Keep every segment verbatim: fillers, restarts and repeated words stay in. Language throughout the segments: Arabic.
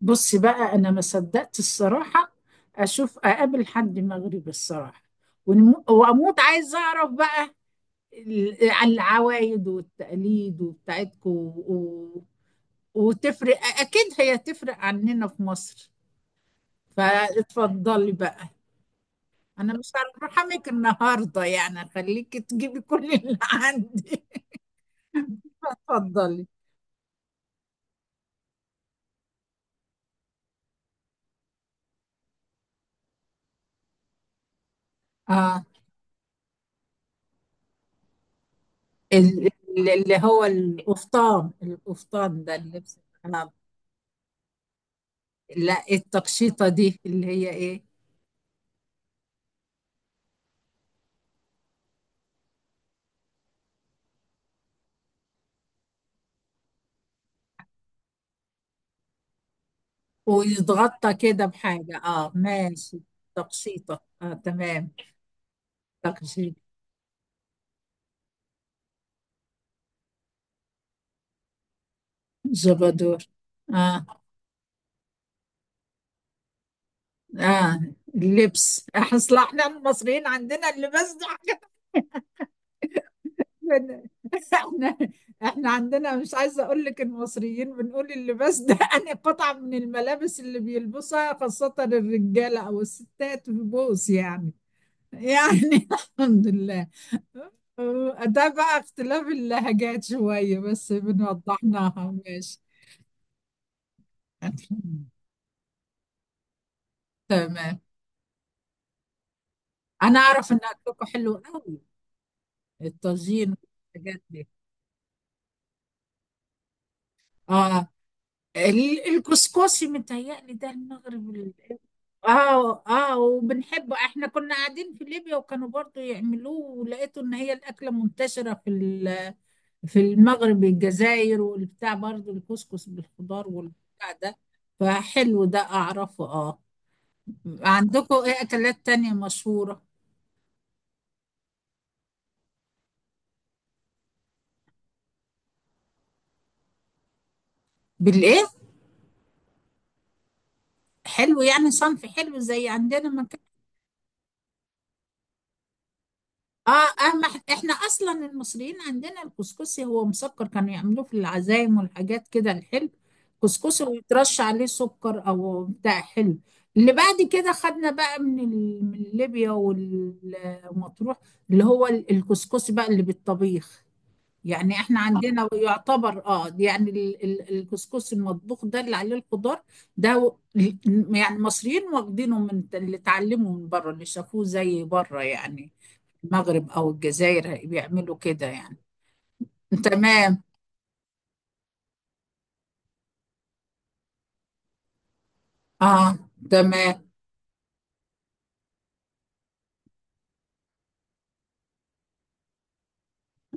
بصي بقى، انا ما صدقت الصراحه اشوف اقابل حد مغربي الصراحه، ونمو- واموت عايز اعرف بقى ال- عن العوايد والتقاليد وبتاعتكم و... وتفرق اكيد، هي تفرق عننا في مصر. فاتفضلي بقى. انا مش هرحمك النهارده، يعني خليكي تجيبي كل اللي عندي. اتفضلي. اه، ال- ال- اللي هو القفطان. القفطان ده اللبس. آه، لا، التقشيطة دي اللي هي ايه؟ ويتغطى كده بحاجة، اه ماشي. تقشيطة، اه تمام. تقشيط. جبادور، اه. اه، اللبس، اصل احنا المصريين عندنا اللباس ده حاجة. من- احنا احنا عندنا، مش عايزة اقول لك، المصريين بنقول اللباس ده انا قطعة من الملابس اللي بيلبسها خاصة الرجالة او الستات في بوس يعني. يعني الحمد لله. آه، ده بقى اختلاف اللهجات شوية، بس بنوضحناها ماشي. تمام، انا اعرف ان اكلكم حلو قوي. الطاجين والحاجات دي. اه، ال- الكسكسي متهيألي ده المغرب ال- اه، اه، وبنحبه، احنا كنا قاعدين في ليبيا وكانوا برضو يعملوه. ولقيته ان هي الاكله منتشره في ال- في المغرب، الجزائر، والبتاع. برضو الكسكس بالخضار والبتاع ده، فحلو ده اعرفه، اه. عندكم ايه اكلات تانية مشهورة؟ بالايه؟ حلو، يعني صنف حلو زي عندنا ما كان. اه، اهم ح- احنا اصلا المصريين عندنا الكسكسي هو مسكر، كانوا يعملوه في العزايم والحاجات كده الحلو. كسكسي ويترش عليه سكر او بتاع حلو. اللي بعد كده خدنا بقى من ال- من ليبيا والمطروح، اللي هو ال- الكسكسي بقى اللي بالطبيخ. يعني احنا عندنا يعتبر، اه يعني ال- ال- الكسكس المطبوخ ده اللي عليه الخضار ده و- يعني المصريين واخدينه من اللي اتعلموا من بره، اللي شافوه زي بره، يعني المغرب او الجزائر بيعملوا كده يعني. تمام. اه، تمام.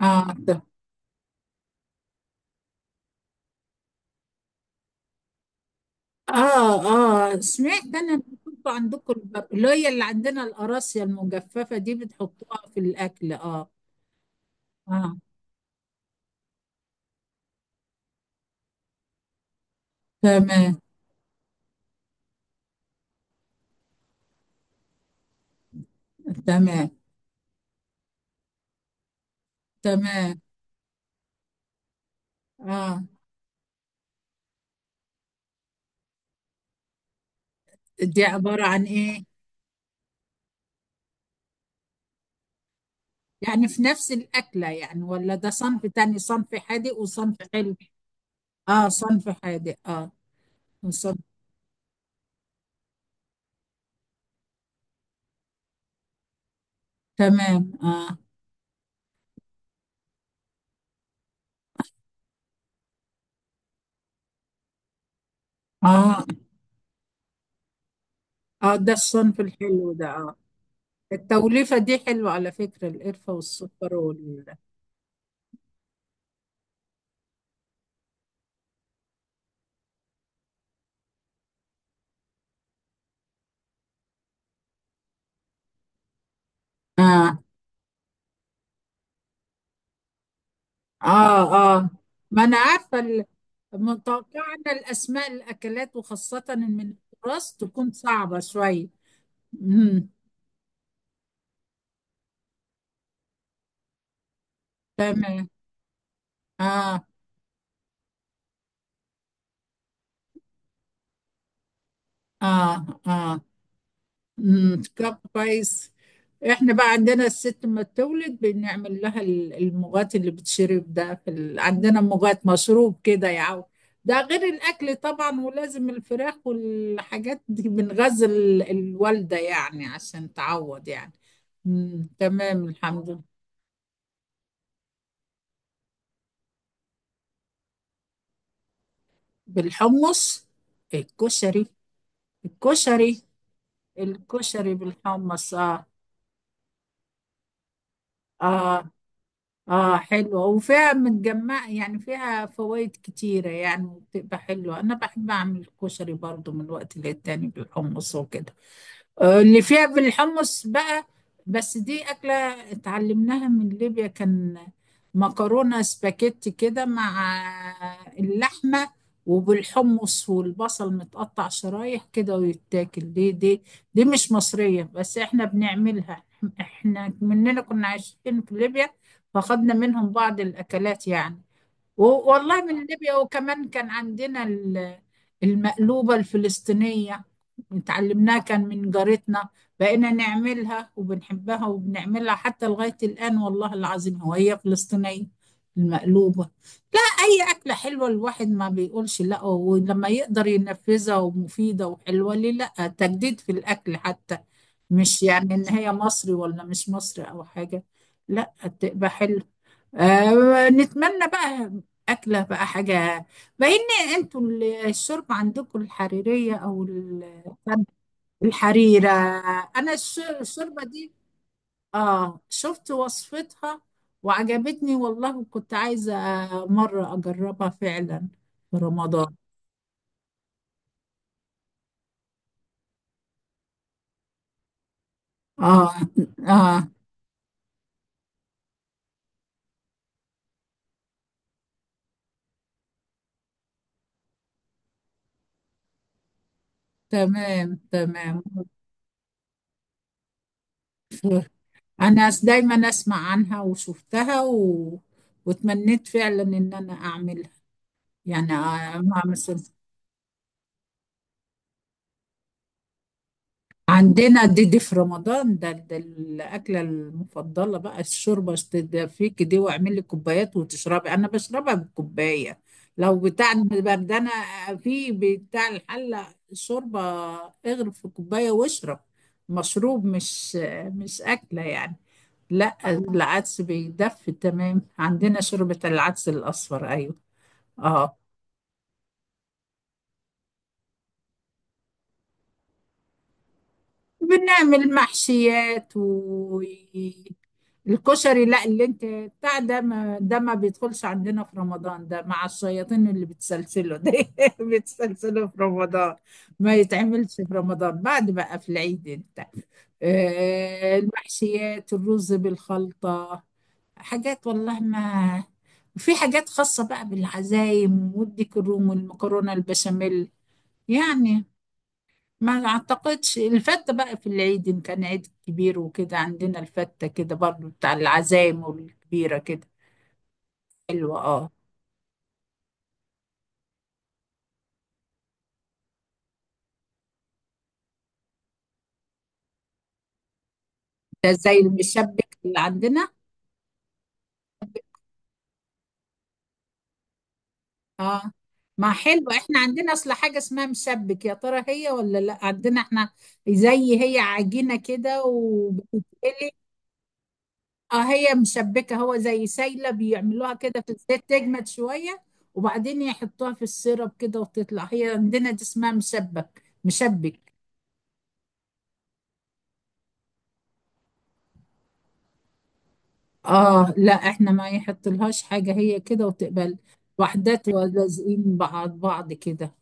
اه ت- اه، اه، سمعت انا إن كنتوا عندكم الب- اللي هي اللي عندنا القراصية المجففة دي بتحطوها في الاكل، اه. اه، تمام. تمام، تمام، اه. دي عبارة عن إيه؟ يعني في نفس الأكلة يعني ولا ده صنف تاني، صنف حادق وصنف حلو؟ آه، صنف حادق، آه. وصنف. تمام، آه. آه، آه، ده الصنف الحلو ده، آه. التوليفة دي حلوة على فكرة، القرفة والسكر وال... آه، آه، آه، ما أنا عارفة ال- متوقعة أن الأسماء الأكلات وخاصة من التراث تكون صعبة شوية. مم. تمام، آه، آه، آه، امم طب كويس. احنا بقى عندنا الست ما تولد، بنعمل لها ال- المغات اللي بتشرب ده في ال... عندنا مغات مشروب كده يا عو. ده غير الاكل طبعا، ولازم الفراخ والحاجات دي بنغذي ال- الوالده يعني عشان تعوض يعني. امم تمام، الحمد لله. بالحمص. الكشري. الكشري، الكشري بالحمص، اه. اه، اه، حلوة وفيها متجمع يعني، فيها فوائد كتيرة يعني وبتبقى حلوة. أنا بحب أعمل كشري برضو من وقت للتاني بالحمص وكده. آه، اللي فيها بالحمص بقى، بس دي أكلة اتعلمناها من ليبيا كان، مكرونة سباكيتي كده مع اللحمة وبالحمص والبصل متقطع شرايح كده ويتاكل دي دي. دي مش مصرية بس احنا بنعملها. احنا مننا كنا عايشين في ليبيا، فاخدنا منهم بعض الأكلات يعني. و- والله من ليبيا. وكمان كان عندنا ال- المقلوبة الفلسطينية اتعلمناها كان من جارتنا. بقينا نعملها وبنحبها وبنعملها حتى لغاية الآن والله العظيم، هو هي فلسطينية المقلوبة. لا، أي أكلة حلوة الواحد ما بيقولش لا، ولما يقدر ينفذها ومفيدة وحلوة ليه لا. تجديد في الأكل حتى. مش يعني إن هي مصري ولا مش مصري أو حاجة، لا. تبقى حلوة. آه، نتمنى بقى، أكلة بقى حاجة. بما إن أنتوا ال- الشوربة عندكم الحريرية أو ال- الحريرة. أنا الش- الشوربة دي، آه شفت وصفتها وعجبتني والله، وكنت عايزة مرة أجربها فعلا في رمضان. آه، آه، تمام، تمام. أنا أس- دايما أسمع عنها وشفتها و... وتمنيت فعلا إن أنا أعملها، يعني أعمل. عندنا، دي دي في رمضان. ده, ده الأكلة المفضلة بقى، الشوربة تدفيك دي، واعمل لي كوبايات وتشربي، أنا بشربها بالكوباية. لو بتاع البردانة في بتاع الحلة شوربة، اغرف في كوباية واشرب، مشروب مش مش أكلة يعني. لا، العدس بيدفي تمام. عندنا شوربة العدس الأصفر، أيوه. اه، بنعمل محشيات والكشري. لا، اللي انت بتاع ده ما ده ما بيدخلش عندنا في رمضان، ده مع الشياطين اللي بتسلسله ده. بتسلسله في رمضان ما يتعملش في رمضان، بعد بقى في العيد انت. آه، المحشيات، الرز بالخلطة، حاجات والله ما... وفي حاجات خاصة بقى بالعزايم، والديك الروم والمكرونة البشاميل يعني. ما اعتقدش، الفتة بقى في العيد، ان كان عيد كبير وكده عندنا الفتة كده برضو بتاع العزايم والكبيرة كده. حلوة، اه. ده زي المشبك اللي عندنا. اه، ما حلوة، احنا عندنا اصل حاجة اسمها مشبك، يا ترى هي ولا لا عندنا احنا؟ زي هي عجينة كده وبتتقلي. اه، هي مشبكة، هو زي سايلة بيعملوها كده في الزيت، تجمد شوية وبعدين يحطوها في السيرب كده وتطلع، هي عندنا دي اسمها مشبك، مشبك. اه، لا احنا ما يحط لهاش حاجة، هي كده وتقبل وحدات ولازقين بعض بعض كده.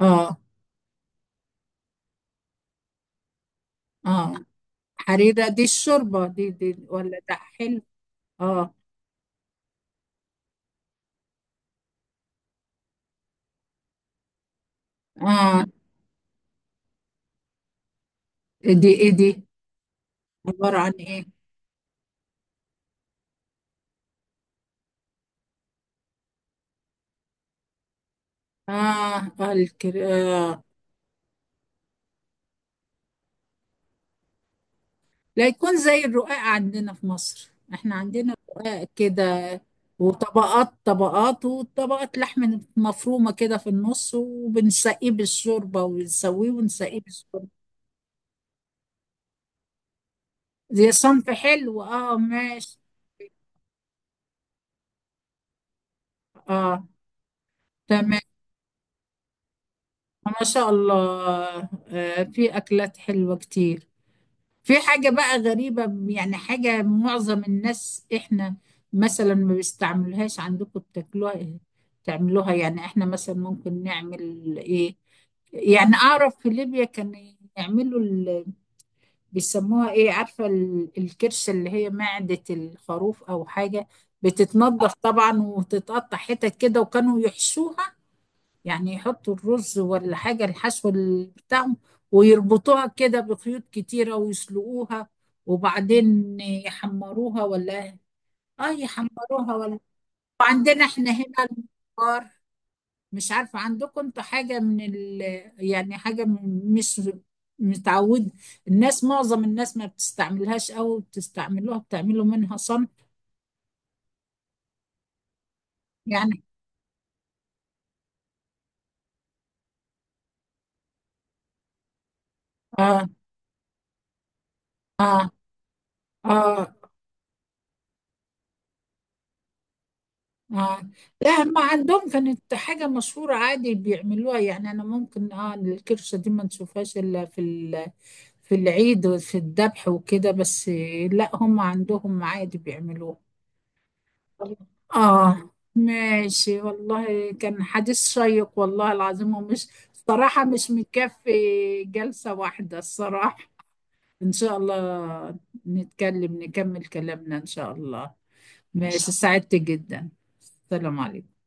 اه، اه، حريرة دي الشوربة دي، دي ولا ده حلو؟ اه، اه، دي ايه؟ دي عبارة عن ايه؟ اه، آه، الكر... آه. لا، يكون زي الرقاق عندنا في مصر، احنا عندنا رقاق كده وطبقات طبقات وطبقات لحم مفرومة كده في النص، وبنسقيه بالشوربة ونسويه ونسقيه بالشوربة. دي صنف حلو، اه ماشي. اه، تمام، ما شاء الله. آه، في اكلات حلوة كتير. في حاجة بقى غريبة يعني، حاجة معظم الناس احنا مثلا ما بيستعملوهاش، عندكم بتاكلوها ايه، تعملوها يعني؟ احنا مثلا ممكن نعمل، ايه يعني، اعرف في ليبيا كان يعملوا، بيسموها ايه، عارفة ال- الكرشة، اللي هي معدة الخروف او حاجة. بتتنضف طبعا وتتقطع حتت كده، وكانوا يحشوها يعني، يحطوا الرز ولا حاجة، الحشو ال- بتاعهم، ويربطوها كده بخيوط كتيرة ويسلقوها وبعدين يحمروها ولا اه يحمروها ولا. وعندنا احنا هنا الممبار. مش عارفة عندكم انتوا حاجة من ال يعني، حاجة م- مش متعود الناس، معظم الناس ما بتستعملوهاش أو بتستعملوها بتعملوا منها صنف يعني. آه، آه، آه، آه. لا، ما عندهم كانت حاجة مشهورة عادي بيعملوها يعني، أنا ممكن آه، الكرشة دي ما نشوفهاش إلا في ال في العيد وفي الذبح وكده بس. لا، هم عندهم عادي بيعملوها. آه، ماشي والله، كان حديث شيق والله العظيم، ومش، صراحة مش مكفي جلسة واحدة الصراحة. إن شاء الله نتكلم نكمل كلامنا إن شاء الله. ماشي، سعدت جدا. السلام عليكم.